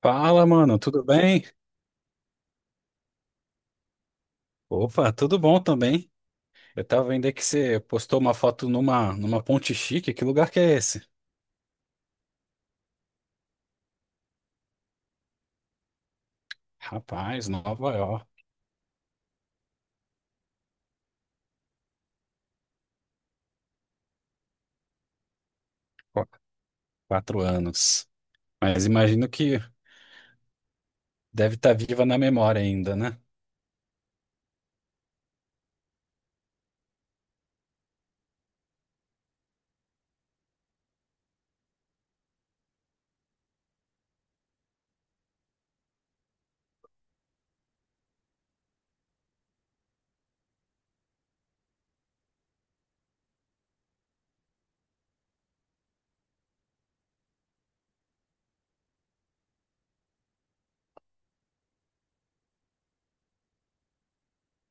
Fala, mano, tudo bem? Opa, tudo bom também. Eu tava vendo aí que você postou uma foto numa ponte chique. Que lugar que é esse? Rapaz, Nova York. Qu- Quatro anos. Mas imagino que deve estar viva na memória ainda, né?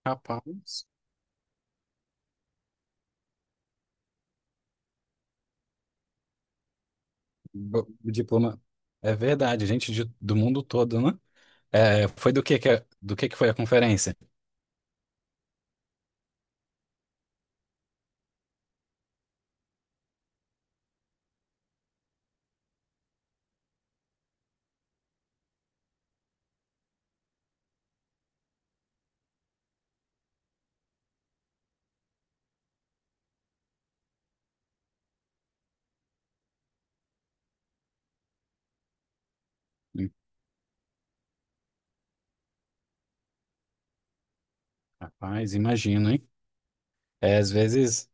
Rapaz, diploma. É verdade, gente do mundo todo, né? É, foi do que foi a conferência? Hum, Rapaz, imagino, hein? É, às vezes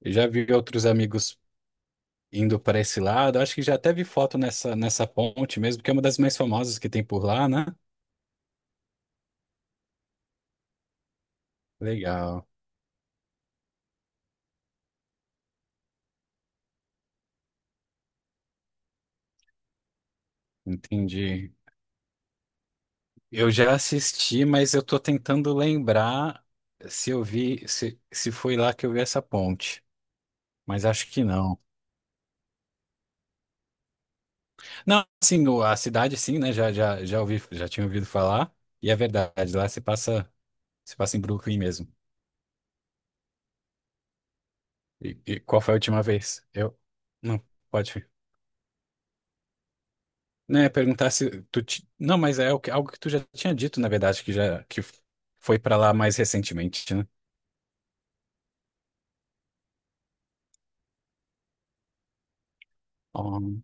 eu já vi outros amigos indo para esse lado. Acho que já até vi foto nessa ponte mesmo, que é uma das mais famosas que tem por lá, né? Legal, entendi. Eu já assisti, mas eu tô tentando lembrar se eu vi, se foi lá que eu vi essa ponte. Mas acho que não. Não, assim, a cidade sim, né? Já ouvi, já tinha ouvido falar. E é verdade, lá se passa, se passa em Brooklyn mesmo. E qual foi a última vez? Eu. Não, pode. Né, perguntar se Não, mas é algo que tu já tinha dito, na verdade, que já que foi pra lá mais recentemente, né? Oh,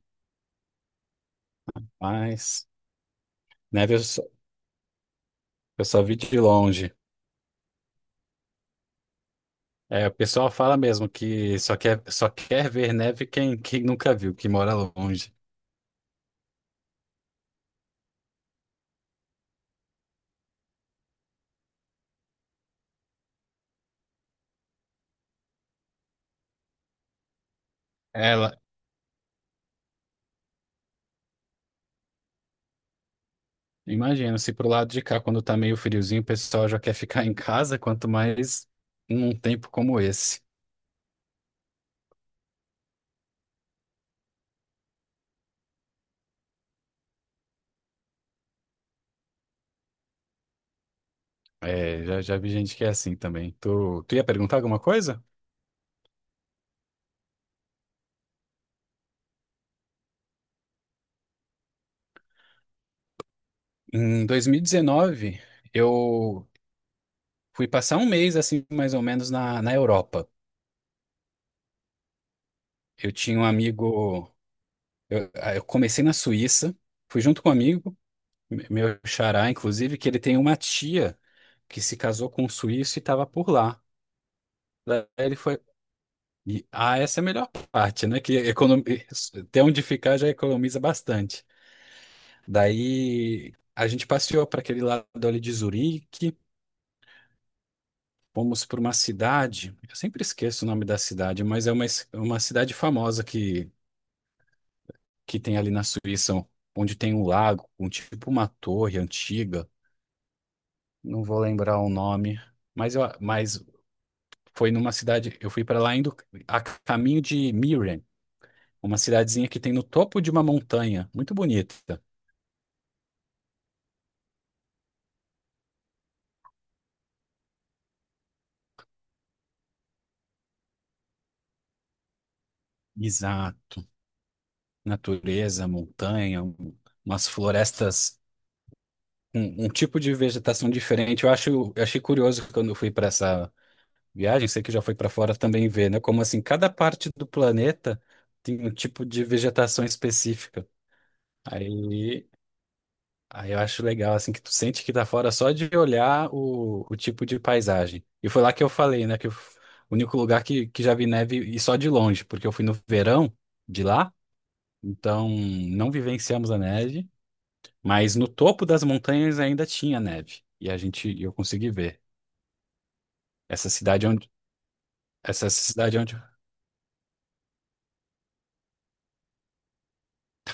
mas neve eu só vi de longe. É, o pessoal fala mesmo que só quer ver neve quem nunca viu, que mora longe. Ela, Imagina, se pro lado de cá, quando tá meio friozinho, o pessoal já quer ficar em casa, quanto mais num tempo como esse. É, já vi gente que é assim também. Tu ia perguntar alguma coisa? Em 2019, eu fui passar um mês, assim, mais ou menos, na Europa. Eu tinha um amigo. Eu comecei na Suíça, fui junto com um amigo, meu xará, inclusive, que ele tem uma tia que se casou com um suíço e estava por lá. Daí ele foi. E, essa é a melhor parte, né? Ter onde ficar já economiza bastante. Daí a gente passeou para aquele lado ali de Zurique. Fomos para uma cidade, eu sempre esqueço o nome da cidade, mas é uma cidade famosa que tem ali na Suíça, onde tem um lago, um tipo uma torre antiga. Não vou lembrar o nome, mas foi numa cidade. Eu fui para lá indo a caminho de Mirren, uma cidadezinha que tem no topo de uma montanha, muito bonita. Exato. Natureza, montanha, umas florestas, um tipo de vegetação diferente. Eu achei curioso quando eu fui para essa viagem, sei que já foi para fora também ver, né? Como assim, cada parte do planeta tem um tipo de vegetação específica. Aí, aí eu acho legal, assim, que tu sente que tá fora só de olhar o tipo de paisagem. E foi lá que eu falei, né? O único lugar que já vi neve e só de longe, porque eu fui no verão de lá, então não vivenciamos a neve, mas no topo das montanhas ainda tinha neve. Eu consegui ver. Essa cidade onde, essa cidade onde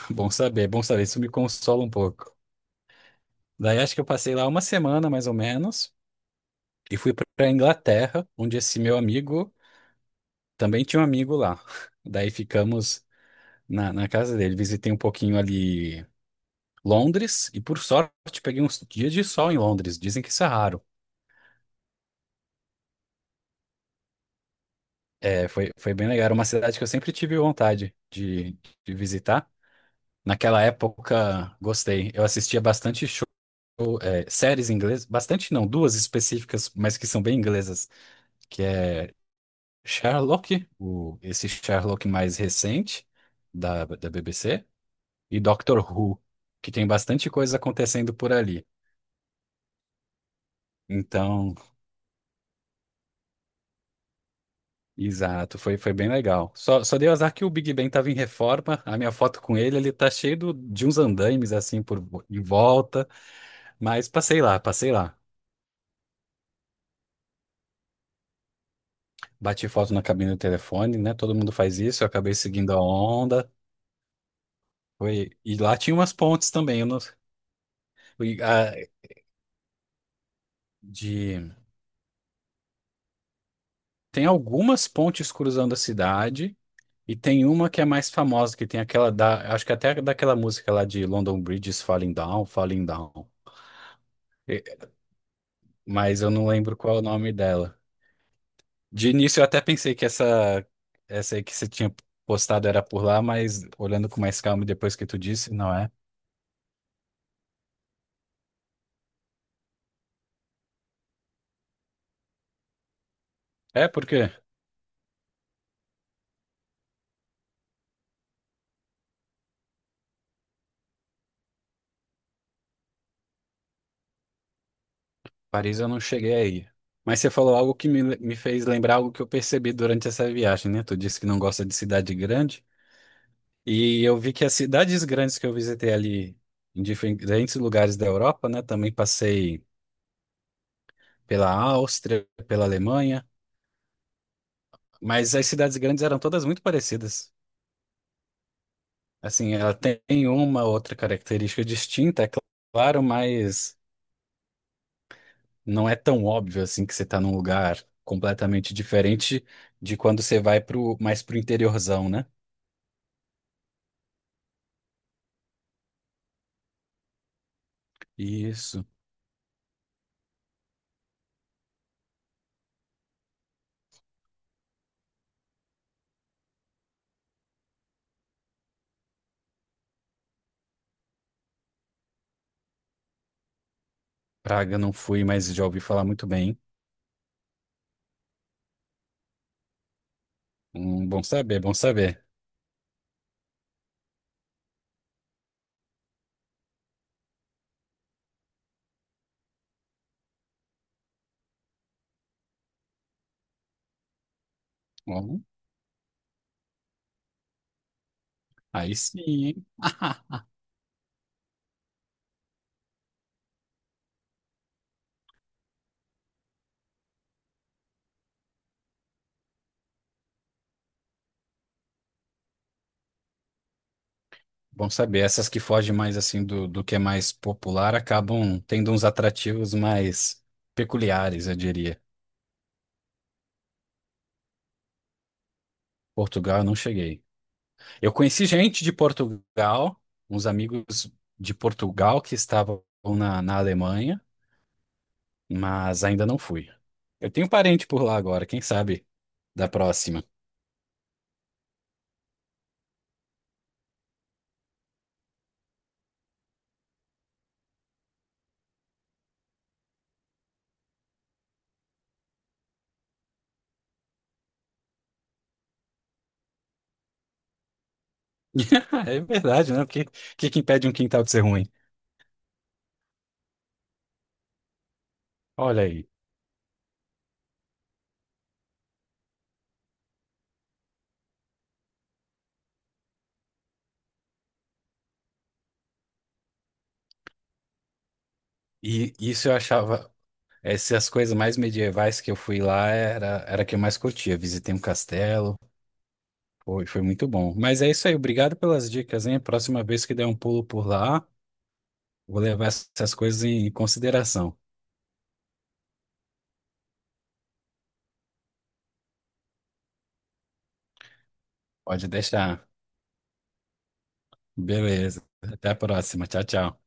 Bom saber, bom saber. Isso me consola um pouco. Daí acho que eu passei lá uma semana, mais ou menos, e fui para Inglaterra, onde esse meu amigo também tinha um amigo lá. Daí ficamos na casa dele. Visitei um pouquinho ali Londres, e por sorte peguei uns dias de sol em Londres. Dizem que isso é raro. É, foi bem legal. Era uma cidade que eu sempre tive vontade de visitar. Naquela época, gostei. Eu assistia bastante show, é, séries inglesas, bastante não, duas específicas, mas que são bem inglesas que é Sherlock, esse Sherlock mais recente da BBC, e Doctor Who, que tem bastante coisa acontecendo por ali. Então, exato, foi bem legal. Só deu azar que o Big Ben tava em reforma, a minha foto com ele, tá cheio de uns andaimes assim em volta, mas passei lá, passei lá. Bati foto na cabine do telefone, né? Todo mundo faz isso, eu acabei seguindo a onda. Foi, e lá tinha umas pontes também, eu não. e, ah, de Tem algumas pontes cruzando a cidade e tem uma que é mais famosa, que tem aquela da, acho que até daquela música lá de London Bridges Falling Down, Falling Down. E- Mas eu não lembro qual é o nome dela. De início eu até pensei que essa aí que você tinha postado era por lá, mas olhando com mais calma depois que tu disse, não é? É porque Paris eu não cheguei aí. Mas você falou algo que me fez lembrar algo que eu percebi durante essa viagem, né? Tu disse que não gosta de cidade grande. E eu vi que as cidades grandes que eu visitei ali, em diferentes lugares da Europa, né? Também passei pela Áustria, pela Alemanha, mas as cidades grandes eram todas muito parecidas. Assim, ela tem uma outra característica distinta, é claro, mas não é tão óbvio assim que você está num lugar completamente diferente de quando você vai mais pro interiorzão, né? Isso. Praga não fui, mas já ouvi falar muito bem. Bom saber, bom saber. Bom, aí sim, hein? Bom saber, essas que fogem mais assim do que é mais popular acabam tendo uns atrativos mais peculiares, eu diria. Portugal eu não cheguei. Eu conheci gente de Portugal, uns amigos de Portugal que estavam na Alemanha, mas ainda não fui. Eu tenho parente por lá agora, quem sabe da próxima. É verdade, né? O que, que impede um quintal de ser ruim? Olha aí. E isso eu achava. Essas coisas mais medievais que eu fui lá era que eu mais curtia. Visitei um castelo, foi muito bom. Mas é isso aí, obrigado pelas dicas, hein? Próxima vez que der um pulo por lá, vou levar essas coisas em consideração. Pode deixar. Beleza. Até a próxima. Tchau, tchau.